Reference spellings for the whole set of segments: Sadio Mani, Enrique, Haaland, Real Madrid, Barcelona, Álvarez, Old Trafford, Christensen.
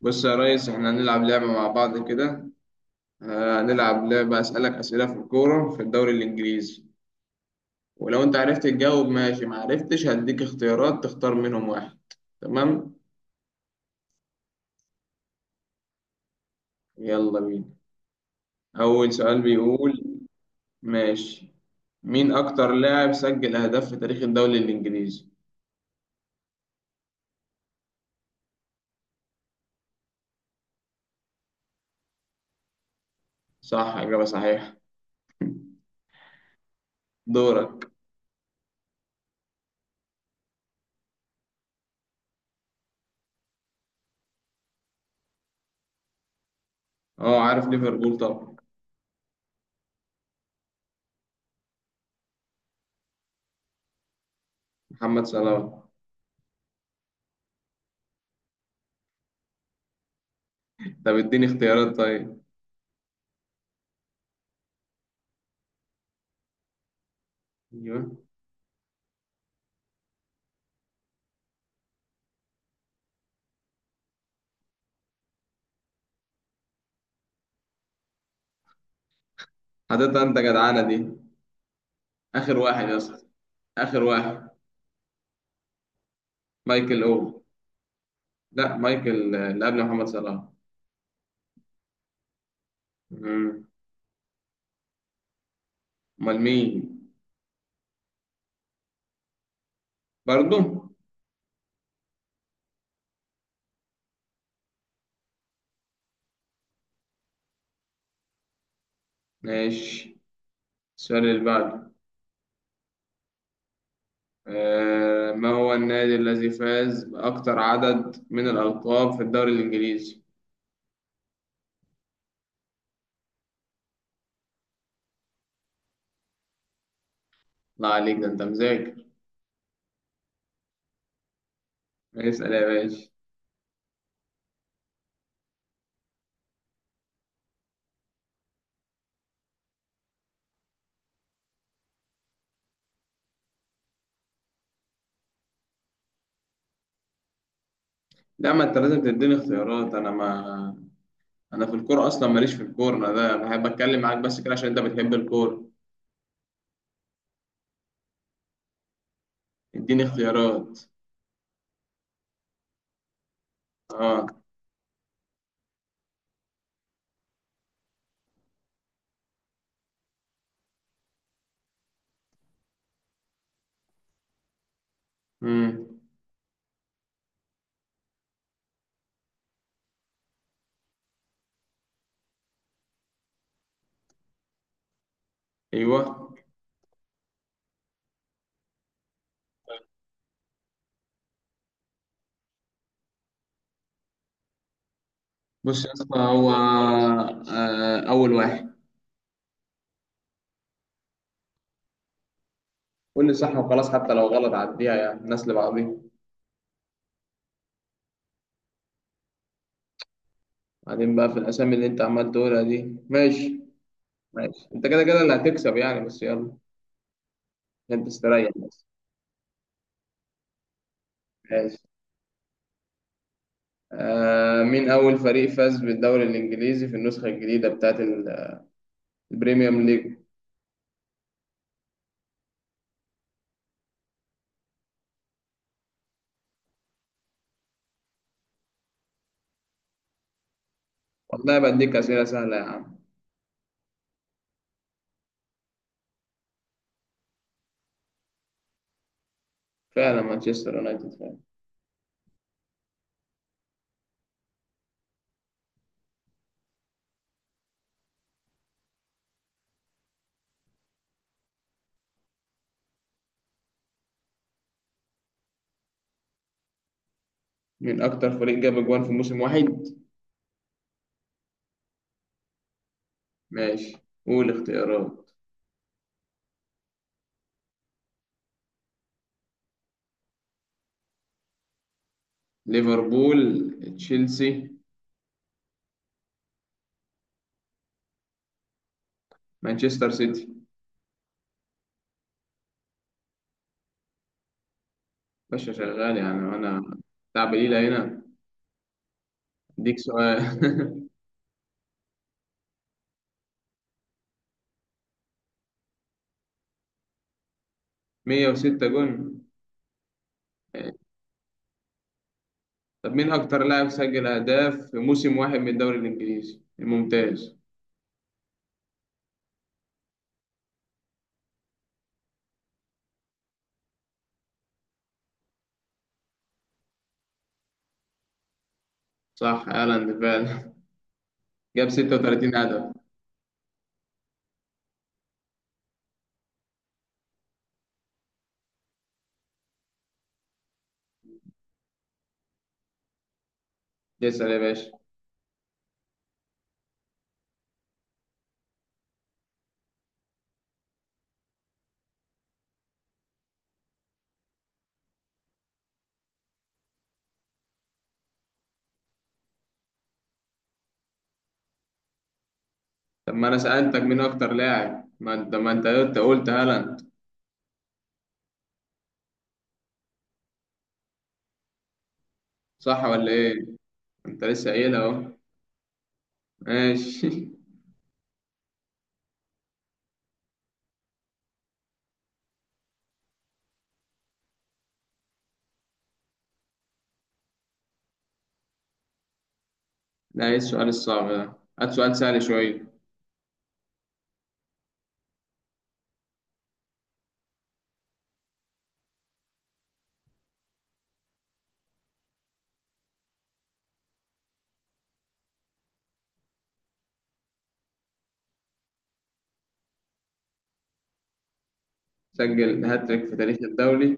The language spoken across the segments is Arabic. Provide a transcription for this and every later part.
بص يا ريس، احنا هنلعب لعبة مع بعض كده. هنلعب لعبة أسألك أسئلة في الكورة في الدوري الإنجليزي. ولو أنت عرفت تجاوب ماشي، ما عرفتش هديك اختيارات تختار منهم واحد. تمام. يلا بينا. أول سؤال بيقول ماشي. مين أكتر لاعب سجل أهداف في تاريخ الدوري الإنجليزي؟ صح، إجابة صحيحة. دورك. أه، عارف ليفربول طبعا. محمد صلاح. طب اديني اختيارات طيب. ايوه. حضرتك انت جدعانه دي. اخر واحد يا اسطى، اخر واحد. مايكل أو. لا، مايكل، اللي قبل محمد صلاح. مم. أمال مين؟ برضه؟ ماشي. السؤال اللي بعده. ما هو النادي الذي فاز بأكتر عدد من الألقاب في الدوري الإنجليزي؟ لا عليك، ده أنت مذاكر. اسأل يا باشا. لا، ما أنت لازم تديني اختيارات. أنا ما أنا في الكورة أصلا، ماليش في الكورة، أنا ده بحب أتكلم معاك بس كده عشان أنت بتحب الكورة. اديني اختيارات. أه. مم. أيوه. بص يا اسطى، هو اول واحد. قول لي صح وخلاص حتى لو غلط، عديها يعني الناس اللي بعضيها. بعدين بقى في الاسامي اللي انت عمال تقولها دي ماشي. ماشي، انت كده كده اللي هتكسب يعني، بس يلا. عشان تستريح بس. ماشي. مين اول فريق فاز بالدوري الانجليزي في النسخه الجديده بتاعت البريميوم ليج؟ والله بديك اسئله سهله يا عم. فعلا مانشستر يونايتد فعلا. مين اكتر فريق جاب اجوان في موسم واحد؟ ماشي، قول اختيارات. ليفربول، تشيلسي. مانشستر سيتي. باشا شغال يعني، وانا بتاع بليلة هنا. اديك سؤال. 106 جون؟ طب مين اكتر لاعب سجل اهداف في موسم واحد من الدوري الانجليزي الممتاز؟ صح، هالاند فعلا. جاب 36 هدف. اسال يا باشا. طب ما انا سالتك مين اكتر لاعب؟ ما انت قلت هالاند، صح ولا ايه؟ انت لسه قايلها اهو. ماشي. لا، ايه السؤال الصعب ده؟ هات سؤال سهل شويه. سجل هاتريك في تاريخ الدوري.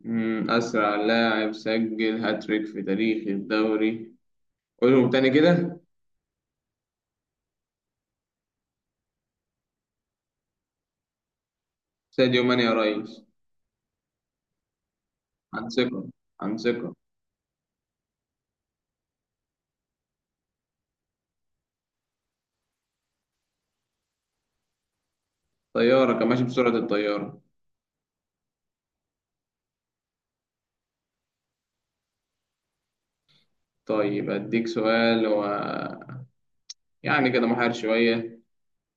أسرع لاعب سجل هاتريك في تاريخ الدوري؟ قولهم تاني كده. ساديو ماني يا ريس. عن ثقة، عن ثقة. طيارة، كان ماشي بسرعة الطيارة. طيب أديك سؤال يعني كده محير شوية.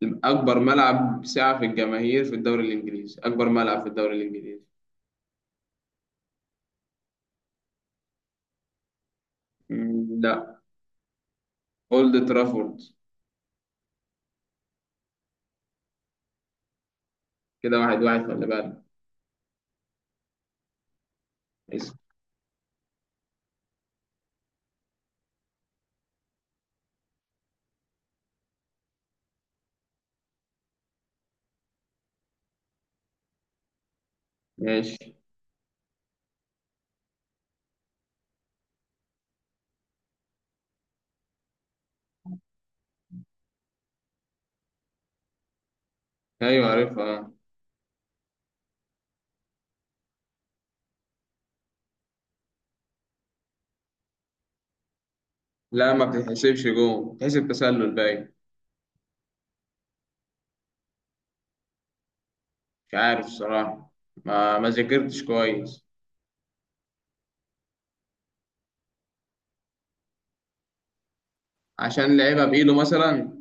أكبر ملعب سعة في الجماهير في الدوري الإنجليزي، أكبر ملعب في الدوري الإنجليزي؟ مم، لا. أولد ترافورد. كده واحد واحد، خلي بالك. اسم. ماشي. أيوة عارفها. لا، ما بتتحسبش جون، بتتحسب تسلل باين. مش عارف الصراحة. ما ذاكرتش كويس. عشان لعبها بإيده مثلا.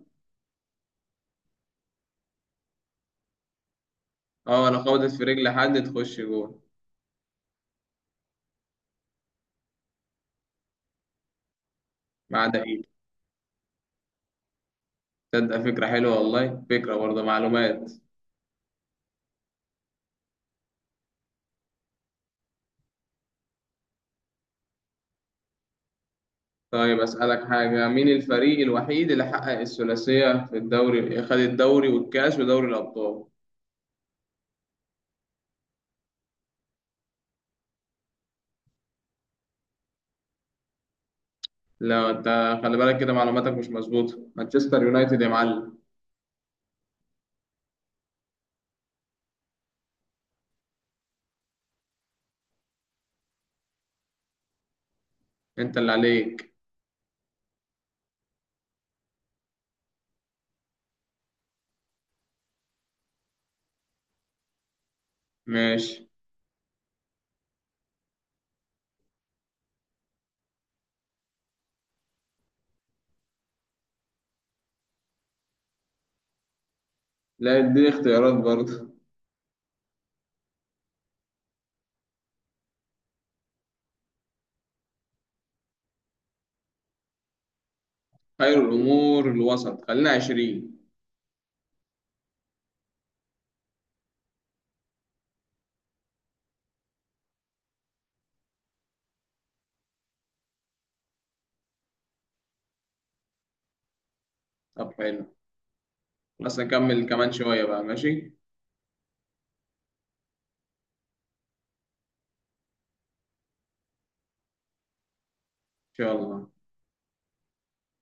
اه، لو خبطت في رجل حد تخش جول. ما عدا إيده. تصدق، فكرة حلوة والله، فكرة برضه، معلومات. طيب أسألك حاجة. مين الفريق الوحيد اللي حقق الثلاثية في الدوري، خد الدوري والكاس ودوري الأبطال؟ لا، أنت خلي بالك كده، معلوماتك مش مظبوطة، مانشستر يونايتد يا معلم. أنت اللي عليك. ماشي. لا، دي اختيارات برضه. خير الأمور الوسط، خلينا 20. طب حلو. بس نكمل كمان شوية بقى ماشي، إن شاء الله.